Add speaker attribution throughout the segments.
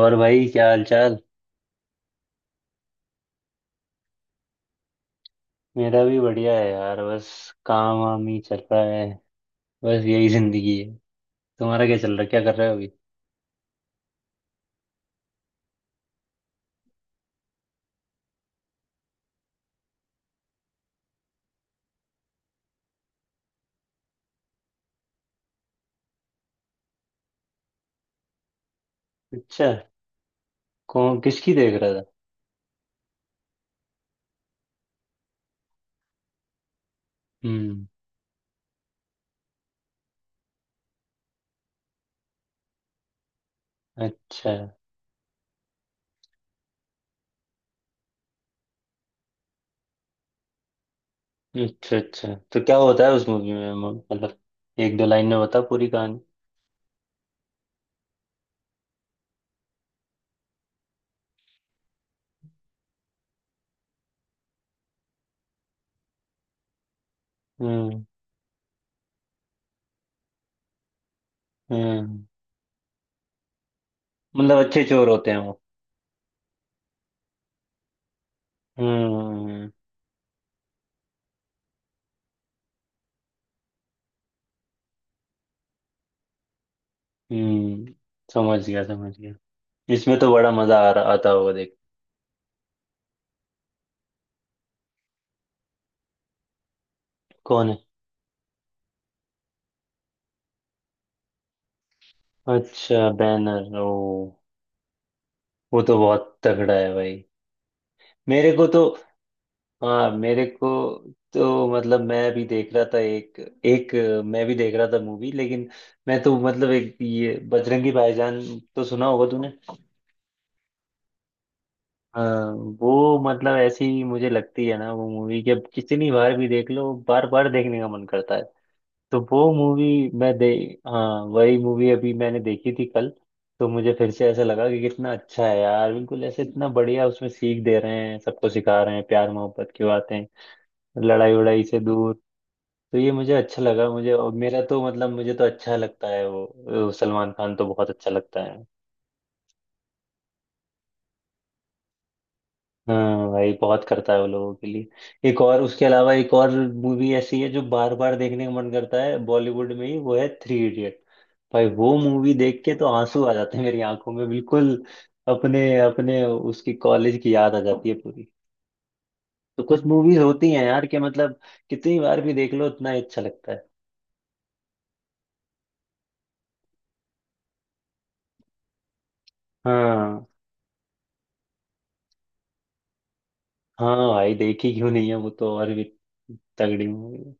Speaker 1: और भाई, क्या हाल चाल? मेरा भी बढ़िया है यार। बस काम वाम ही चल रहा है, बस यही जिंदगी है। तुम्हारा क्या चल रहा है? क्या कर रहे हो अभी? अच्छा, कौन किसकी देख रहा था? हम्म। अच्छा, अच्छा। अच्छा तो क्या होता है उस मूवी में, मतलब एक दो लाइन में बता पूरी कहानी। हम्म, हम्म। मतलब अच्छे चोर होते हैं वो? हम्म, हम्म। समझ गया, समझ गया। इसमें तो बड़ा मजा आ रहा आता होगा देख। कौन है? अच्छा, बैनर ओ। वो तो बहुत तगड़ा है भाई। मेरे को तो हाँ, मेरे को तो मतलब एक मैं भी देख रहा था मूवी, लेकिन मैं तो मतलब एक ये बजरंगी भाईजान, तो सुना होगा तूने? हाँ, वो मतलब ऐसी मुझे लगती है ना वो मूवी कि अब कितनी बार भी देख लो, बार बार देखने का मन करता है। तो वो मूवी मैं दे हाँ, वही मूवी अभी मैंने देखी थी कल। तो मुझे फिर से ऐसा लगा कि कितना अच्छा है यार, बिल्कुल ऐसे इतना बढ़िया, उसमें सीख दे रहे हैं सबको, सिखा रहे हैं प्यार मोहब्बत की बातें, लड़ाई वड़ाई से दूर। तो ये मुझे अच्छा लगा मुझे, और मेरा तो मतलब मुझे तो अच्छा लगता है वो। वो सलमान खान तो बहुत अच्छा लगता है। हाँ भाई, बहुत करता है वो लोगों के लिए। एक और उसके अलावा एक और मूवी ऐसी है जो बार बार देखने का मन करता है बॉलीवुड में ही, वो है थ्री इडियट। भाई वो मूवी देख के तो आंसू आ जाते हैं मेरी आंखों में बिल्कुल। अपने अपने उसकी कॉलेज की याद आ जाती है पूरी। तो कुछ मूवीज होती हैं यार कि मतलब कितनी बार भी देख लो उतना ही अच्छा लगता है। हाँ। हाँ भाई, देखी क्यों नहीं है, वो तो और भी तगड़ी मूवी है।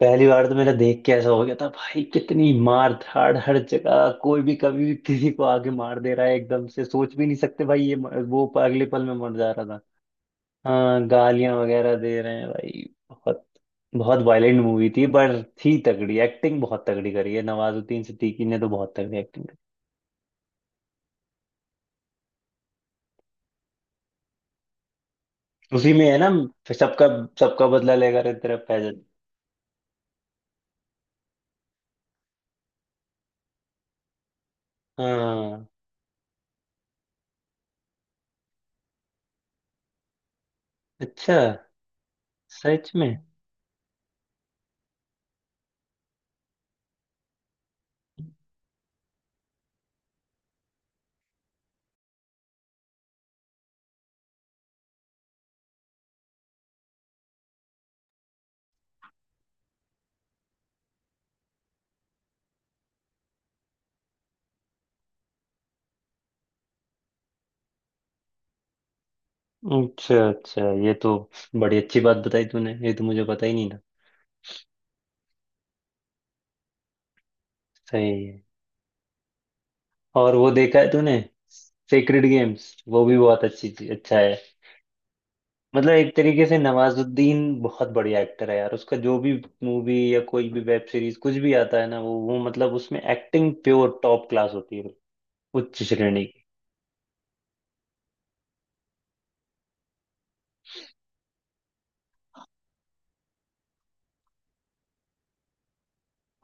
Speaker 1: पहली बार तो मेरा देख के ऐसा हो गया था भाई, कितनी मार धाड़! हर जगह कोई भी कभी भी किसी को आगे मार दे रहा है, एकदम से सोच भी नहीं सकते भाई। ये वो अगले पल में मर जा रहा था। हाँ, गालियां वगैरह दे रहे हैं भाई। बहुत बहुत वायलेंट मूवी थी, पर थी तगड़ी। एक्टिंग बहुत तगड़ी करी है नवाजुद्दीन सिद्दीकी ने, तो बहुत तगड़ी एक्टिंग करी। उसी में है ना, सबका सबका बदला लेगा रे तेरा फैजल। हाँ। अच्छा, सच में? अच्छा, अच्छा, ये तो बड़ी अच्छी बात बताई तूने, ये तो मुझे पता ही नहीं था। सही है। और वो देखा है तूने, सेक्रेड गेम्स? वो भी बहुत अच्छी चीज, अच्छा है। मतलब एक तरीके से नवाजुद्दीन बहुत बढ़िया एक्टर है यार, उसका जो भी मूवी या कोई भी वेब सीरीज कुछ भी आता है ना, वो मतलब उसमें एक्टिंग प्योर टॉप क्लास होती है, उच्च श्रेणी की।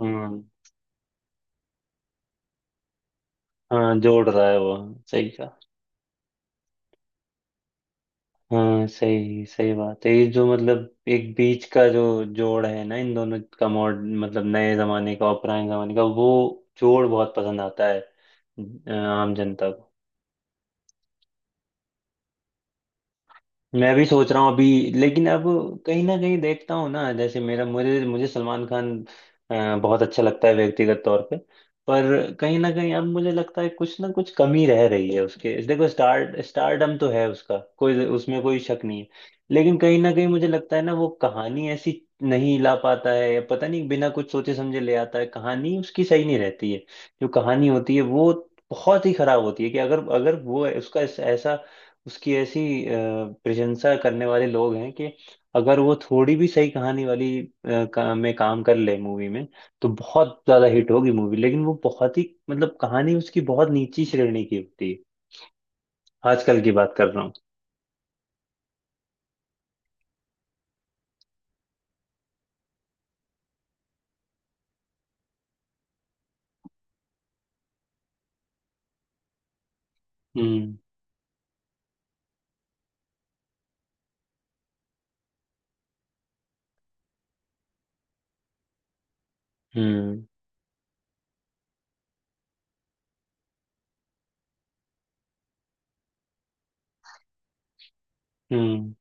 Speaker 1: हम्म। हाँ, जोड़ रहा है वो, सही का। हाँ, सही सही बात है। ये जो मतलब एक बीच का जो जोड़ है ना इन दोनों का, मॉड मतलब नए जमाने का और पुराने जमाने का, वो जोड़ बहुत पसंद आता है आम जनता को। मैं भी सोच रहा हूँ अभी, लेकिन अब कहीं ना कहीं देखता हूँ ना, जैसे मेरा मुझे मुझे सलमान खान बहुत अच्छा लगता है व्यक्तिगत तौर पे। पर कहीं ना कहीं अब मुझे लगता है कुछ ना कुछ कमी रह रही है उसके। देखो, स्टारडम तो है उसका, कोई उसमें कोई शक नहीं है। लेकिन कहीं ना कहीं मुझे लगता है ना, वो कहानी ऐसी नहीं ला पाता है, या पता नहीं बिना कुछ सोचे समझे ले आता है, कहानी उसकी सही नहीं रहती है। जो कहानी होती है वो बहुत ही खराब होती है। कि अगर अगर वो उसका ऐसा उसकी ऐसी अ, प्रशंसा करने वाले लोग हैं कि अगर वो थोड़ी भी सही कहानी वाली में काम कर ले मूवी में, तो बहुत ज्यादा हिट होगी मूवी। लेकिन वो बहुत ही मतलब कहानी उसकी बहुत नीची श्रेणी की होती है, आजकल की बात कर रहा हूँ। हम्म, हम्म, हम्म,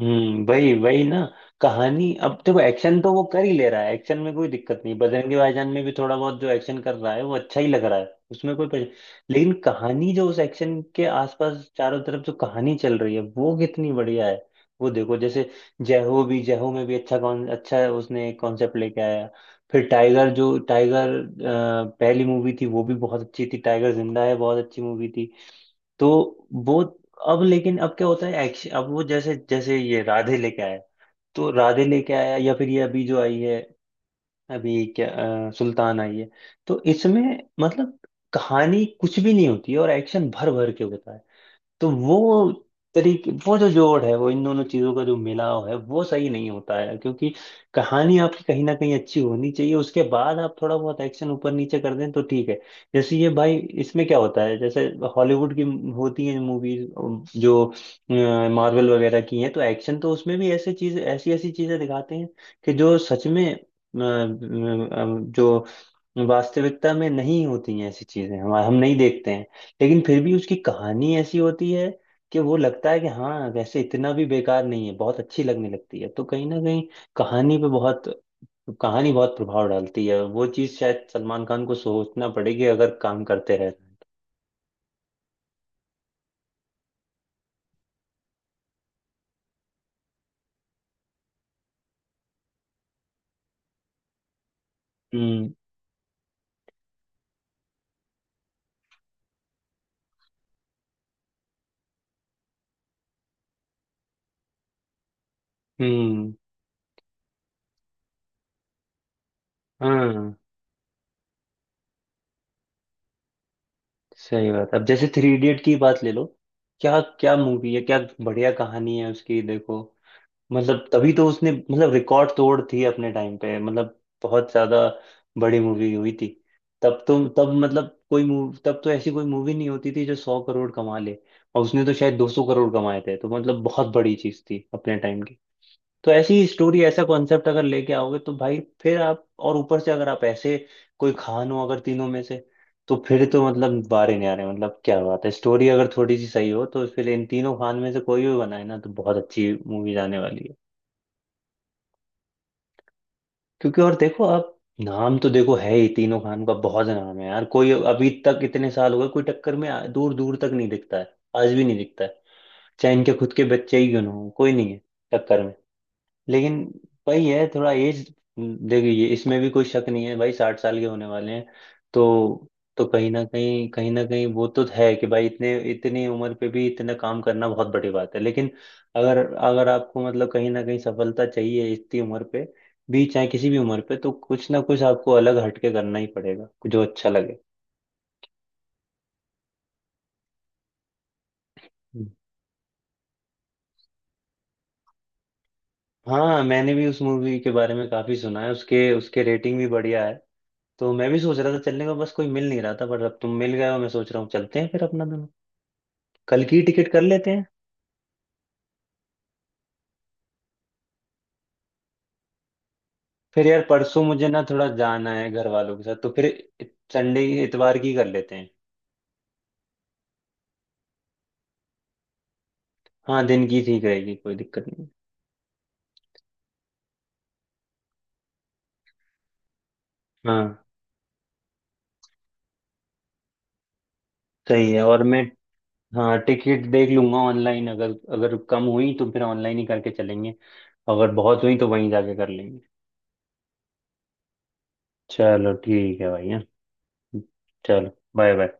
Speaker 1: हम्म। वही वही ना, कहानी। अब देखो, एक्शन तो वो कर ही ले रहा है, एक्शन में कोई दिक्कत नहीं। बजरंगी भाईजान में भी थोड़ा बहुत जो एक्शन कर रहा है वो अच्छा ही लग रहा है, उसमें कोई लेकिन कहानी जो उस एक्शन के आसपास चारों तरफ जो कहानी चल रही है वो कितनी बढ़िया है। वो देखो जैसे जय हो, भी जय हो में भी अच्छा कौन अच्छा उसने कॉन्सेप्ट लेके आया। फिर टाइगर, जो टाइगर पहली मूवी थी वो भी बहुत अच्छी थी, टाइगर जिंदा है बहुत अच्छी मूवी थी। तो वो, अब लेकिन अब क्या होता है एक्शन अब वो, जैसे जैसे ये राधे लेके आया। तो राधे लेके आया, या फिर ये अभी जो आई है, अभी क्या सुल्तान आई है। तो इसमें मतलब कहानी कुछ भी नहीं होती है और एक्शन भर भर के होता है। तो वो तरीके, वो जो जोड़ है वो, इन दोनों चीजों का जो मिलाव है वो सही नहीं होता है। क्योंकि कहानी आपकी कहीं ना कहीं अच्छी होनी चाहिए, उसके बाद आप थोड़ा बहुत एक्शन ऊपर नीचे कर दें तो ठीक है। जैसे ये भाई, इसमें क्या होता है, जैसे हॉलीवुड की होती है मूवीज जो मार्वल वगैरह की हैं, तो एक्शन तो उसमें भी ऐसे चीज ऐसी ऐसी चीजें दिखाते हैं कि जो सच में जो वास्तविकता में नहीं होती हैं, ऐसी चीजें हम नहीं देखते हैं। लेकिन फिर भी उसकी कहानी ऐसी होती है कि वो लगता है कि हाँ वैसे इतना भी बेकार नहीं है, बहुत अच्छी लगने लगती है। तो कहीं ना कहीं कहानी पे बहुत कहानी बहुत प्रभाव डालती है। वो चीज शायद सलमान खान को सोचना पड़ेगी अगर काम करते रहे। हम्म, हम्म। हाँ, सही बात। अब जैसे थ्री इडियट की बात ले लो, क्या क्या मूवी है क्या! बढ़िया कहानी है उसकी, देखो। मतलब तभी तो उसने मतलब रिकॉर्ड तोड़ थी अपने टाइम पे, मतलब बहुत ज्यादा बड़ी मूवी हुई थी। तब तो, तब मतलब कोई मूव तब तो ऐसी कोई मूवी नहीं होती थी जो 100 करोड़ कमा ले। और उसने तो शायद 200 करोड़ कमाए थे, तो मतलब बहुत बड़ी चीज थी अपने टाइम की। तो ऐसी स्टोरी, ऐसा कॉन्सेप्ट अगर लेके आओगे तो भाई फिर आप, और ऊपर से अगर आप ऐसे कोई खान हो अगर, तीनों में से, तो फिर तो मतलब बारे नहीं आ रहे, मतलब क्या बात है! स्टोरी अगर थोड़ी सी सही हो तो फिर इन तीनों खान में से कोई भी बनाए ना, तो बहुत अच्छी मूवी आने वाली है। क्योंकि और देखो आप, नाम तो देखो है ही, तीनों खान का बहुत नाम है यार। कोई अभी तक, इतने साल हो गए, कोई टक्कर में दूर दूर तक नहीं दिखता है, आज भी नहीं दिखता है। चाहे इनके खुद के बच्चे ही क्यों ना हो, कोई नहीं है टक्कर में। लेकिन वही है, थोड़ा एज, देखिए इसमें भी कोई शक नहीं है भाई, 60 साल के होने वाले हैं। तो तो कहीं ना कहीं वो तो है कि भाई, इतने इतनी उम्र पे भी इतना काम करना बहुत बड़ी बात है। लेकिन अगर अगर आपको मतलब कहीं ना कहीं सफलता चाहिए इतनी उम्र पे भी, चाहे किसी भी उम्र पे, तो कुछ ना कुछ आपको अलग हटके करना ही पड़ेगा, जो अच्छा लगे। हम्म। हाँ, मैंने भी उस मूवी के बारे में काफी सुना है, उसके उसके रेटिंग भी बढ़िया है। तो मैं भी सोच रहा था चलने को, बस कोई मिल नहीं रहा था, पर अब तुम मिल गए हो, मैं सोच रहा हूँ चलते हैं फिर अपना दोनों, कल की टिकट कर लेते हैं। फिर यार परसों मुझे ना थोड़ा जाना है घर वालों के साथ, तो फिर संडे इतवार की कर लेते हैं। हाँ, दिन की ठीक रहेगी, कोई दिक्कत नहीं। हाँ सही है। और मैं हाँ, टिकट देख लूंगा ऑनलाइन, अगर अगर कम हुई तो फिर ऑनलाइन ही करके चलेंगे, अगर बहुत हुई तो वहीं जाके कर लेंगे। चलो ठीक है भाई। हाँ, चलो बाय बाय।